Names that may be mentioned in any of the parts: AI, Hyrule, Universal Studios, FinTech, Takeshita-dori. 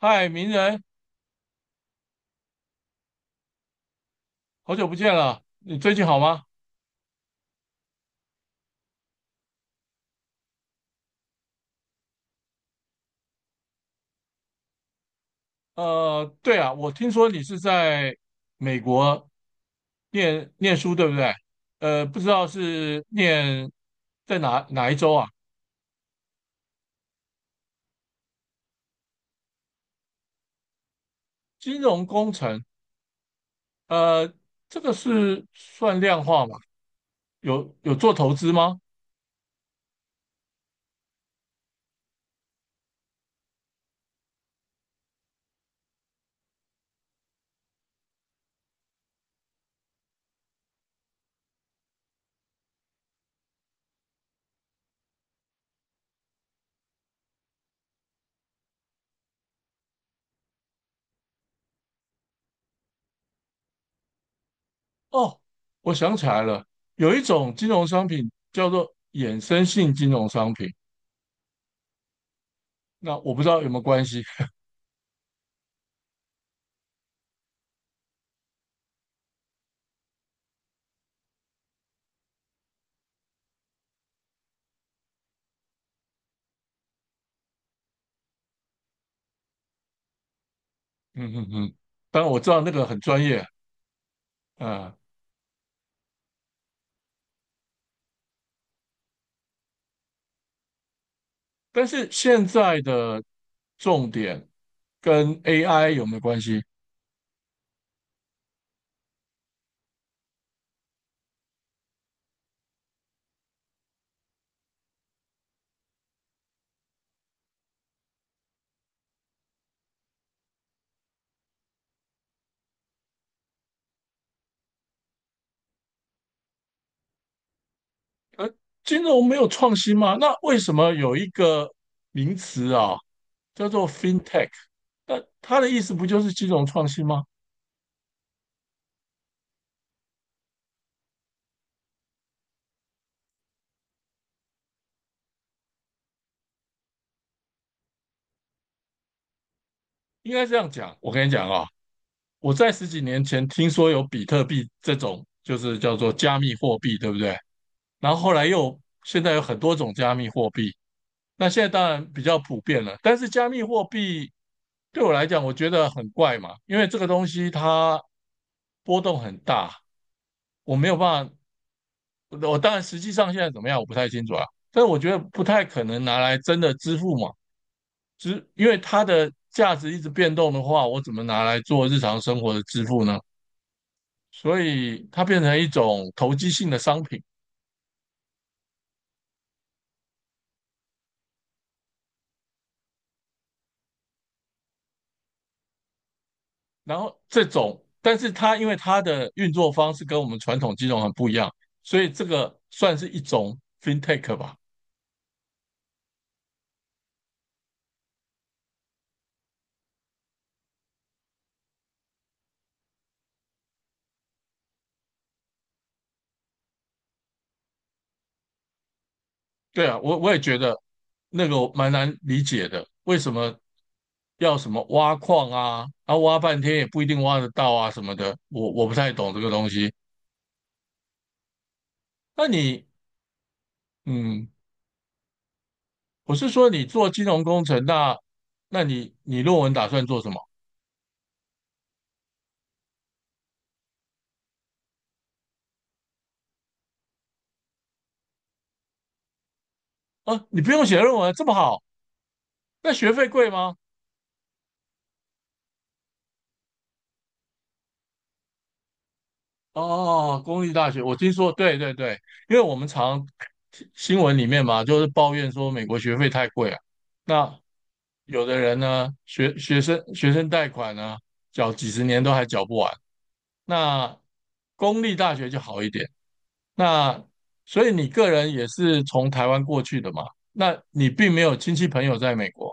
嗨，名人，好久不见了，你最近好吗？对啊，我听说你是在美国念书，对不对？不知道是念在哪一州啊？金融工程，呃，这个是算量化吗？有做投资吗？哦，我想起来了，有一种金融商品叫做衍生性金融商品，那我不知道有没有关系。嗯嗯嗯，当然我知道那个很专业，嗯、但是现在的重点跟 AI 有没有关系？金融没有创新吗？那为什么有一个名词啊，叫做 FinTech？那它的意思不就是金融创新吗？应该这样讲。我跟你讲啊，我在十几年前听说有比特币这种，就是叫做加密货币，对不对？然后后来现在有很多种加密货币，那现在当然比较普遍了，但是加密货币对我来讲，我觉得很怪嘛，因为这个东西它波动很大，我没有办法，我当然实际上现在怎么样我不太清楚啊，但我觉得不太可能拿来真的支付嘛，只因为它的价值一直变动的话，我怎么拿来做日常生活的支付呢？所以它变成一种投机性的商品，然后这种，但是它因为它的运作方式跟我们传统金融很不一样，所以这个算是一种 fintech 吧。对啊，我也觉得那个我蛮难理解的，为什么要什么挖矿啊，然后挖半天也不一定挖得到啊什么的，我不太懂这个东西。那你，嗯，我是说你做金融工程，那你论文打算做什么？啊，你不用写论文，这么好，那学费贵吗？哦，哦哦公立大学，我听说，对对对，因为我们常新闻里面嘛，就是抱怨说美国学费太贵啊。那有的人呢，学生贷款呢，缴几十年都还缴不完。那公立大学就好一点。那所以你个人也是从台湾过去的嘛？那你并没有亲戚朋友在美国。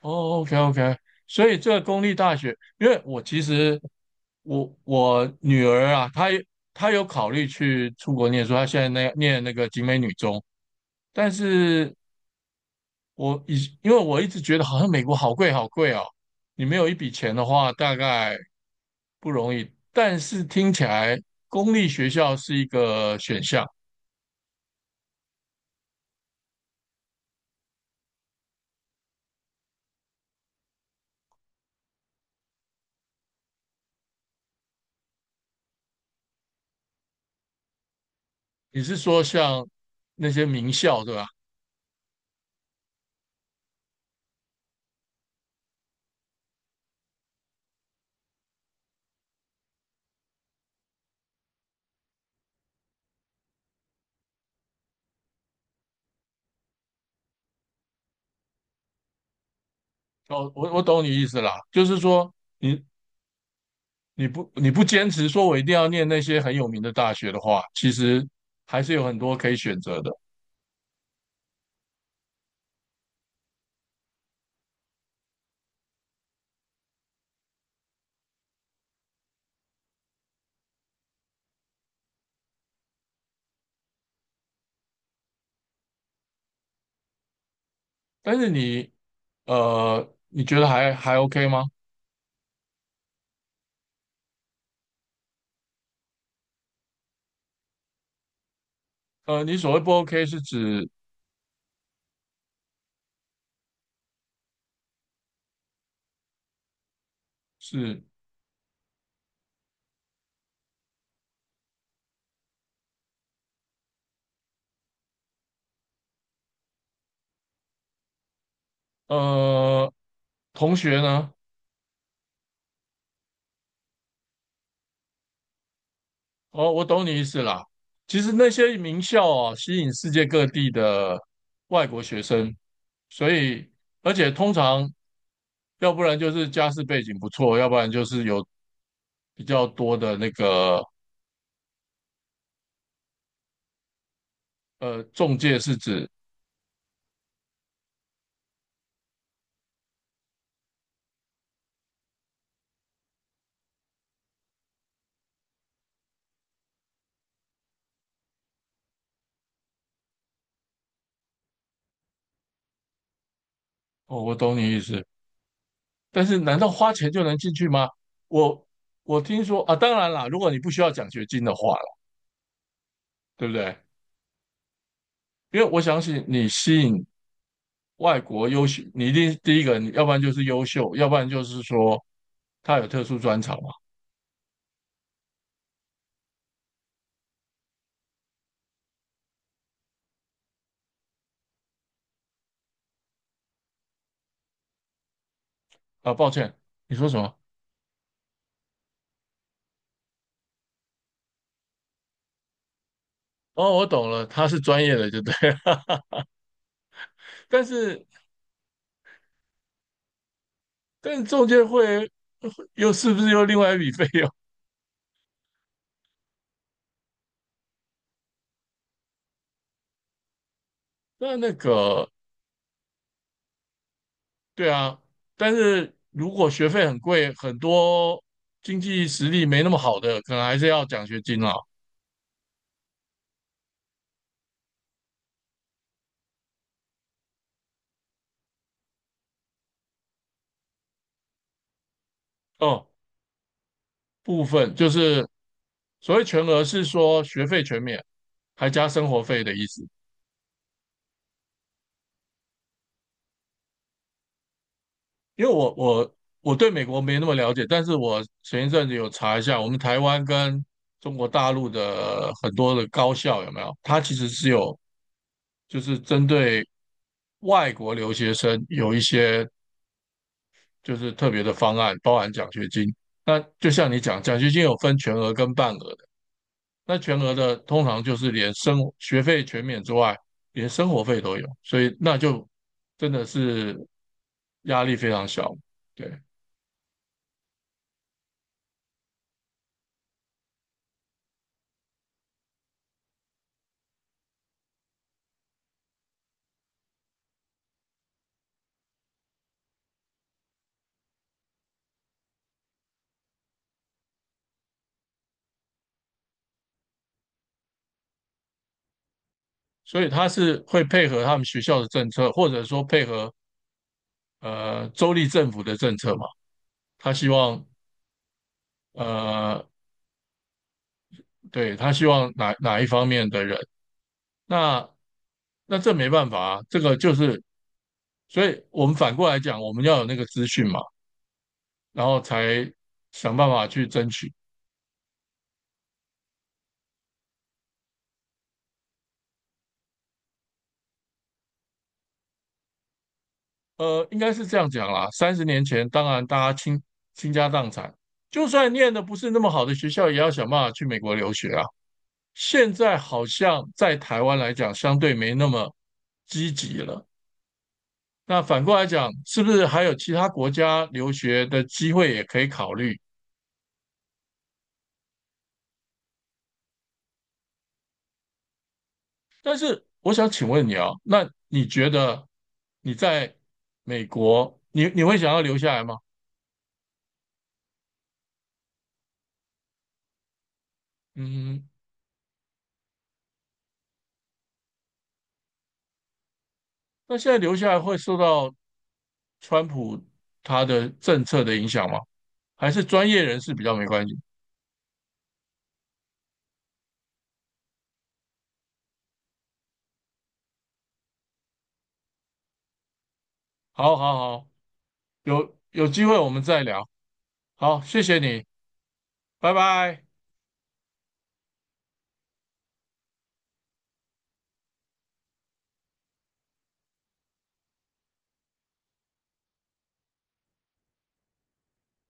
哦，OK OK，所以这个公立大学，因为我其实我女儿啊，她有考虑去出国念书，她现在那念那个景美女中，但是因为我一直觉得好像美国好贵好贵哦，你没有一笔钱的话，大概不容易。但是听起来公立学校是一个选项，你是说像那些名校对吧？哦，我懂你意思啦，就是说你你不坚持说我一定要念那些很有名的大学的话，其实还是有很多可以选择的。但是你觉得还 OK 吗？你所谓不 OK 是指是呃同学呢？哦，我懂你意思啦。其实那些名校啊，吸引世界各地的外国学生，所以而且通常要不然就是家世背景不错，要不然就是有比较多的那个，中介是指，哦，我懂你意思。但是，难道花钱就能进去吗？我我听说啊，当然啦，如果你不需要奖学金的话啦，对不对？因为我相信你吸引外国优秀，你一定第一个，你要不然就是优秀，要不然就是说他有特殊专长嘛。啊，抱歉，你说什么？哦，我懂了，他是专业的，就对了。但是，但是，中介会又是不是又另外一笔费用？那个对啊，但是如果学费很贵，很多经济实力没那么好的，可能还是要奖学金啦。哦，部分就是所谓全额是说学费全免，还加生活费的意思。因为我对美国没那么了解，但是我前一阵子有查一下，我们台湾跟中国大陆的很多的高校有没有？它其实是有就是针对外国留学生有一些就是特别的方案，包含奖学金。那就像你讲，奖学金有分全额跟半额的。那全额的通常就是连学费全免之外，连生活费都有，所以那就真的是压力非常小。对，所以他是会配合他们学校的政策，或者说配合州立政府的政策嘛。他希望呃，对他希望哪一方面的人，那这没办法啊，这个就是所以我们反过来讲，我们要有那个资讯嘛，然后才想办法去争取。应该是这样讲啦。30年前，当然大家倾家荡产，就算念的不是那么好的学校，也要想办法去美国留学啊。现在好像在台湾来讲，相对没那么积极了。那反过来讲，是不是还有其他国家留学的机会也可以考虑？但是我想请问你啊，那你觉得你在美国，你会想要留下来吗？嗯，那现在留下来会受到川普他的政策的影响吗？还是专业人士比较没关系？好好好，有机会我们再聊。好，谢谢你，拜拜。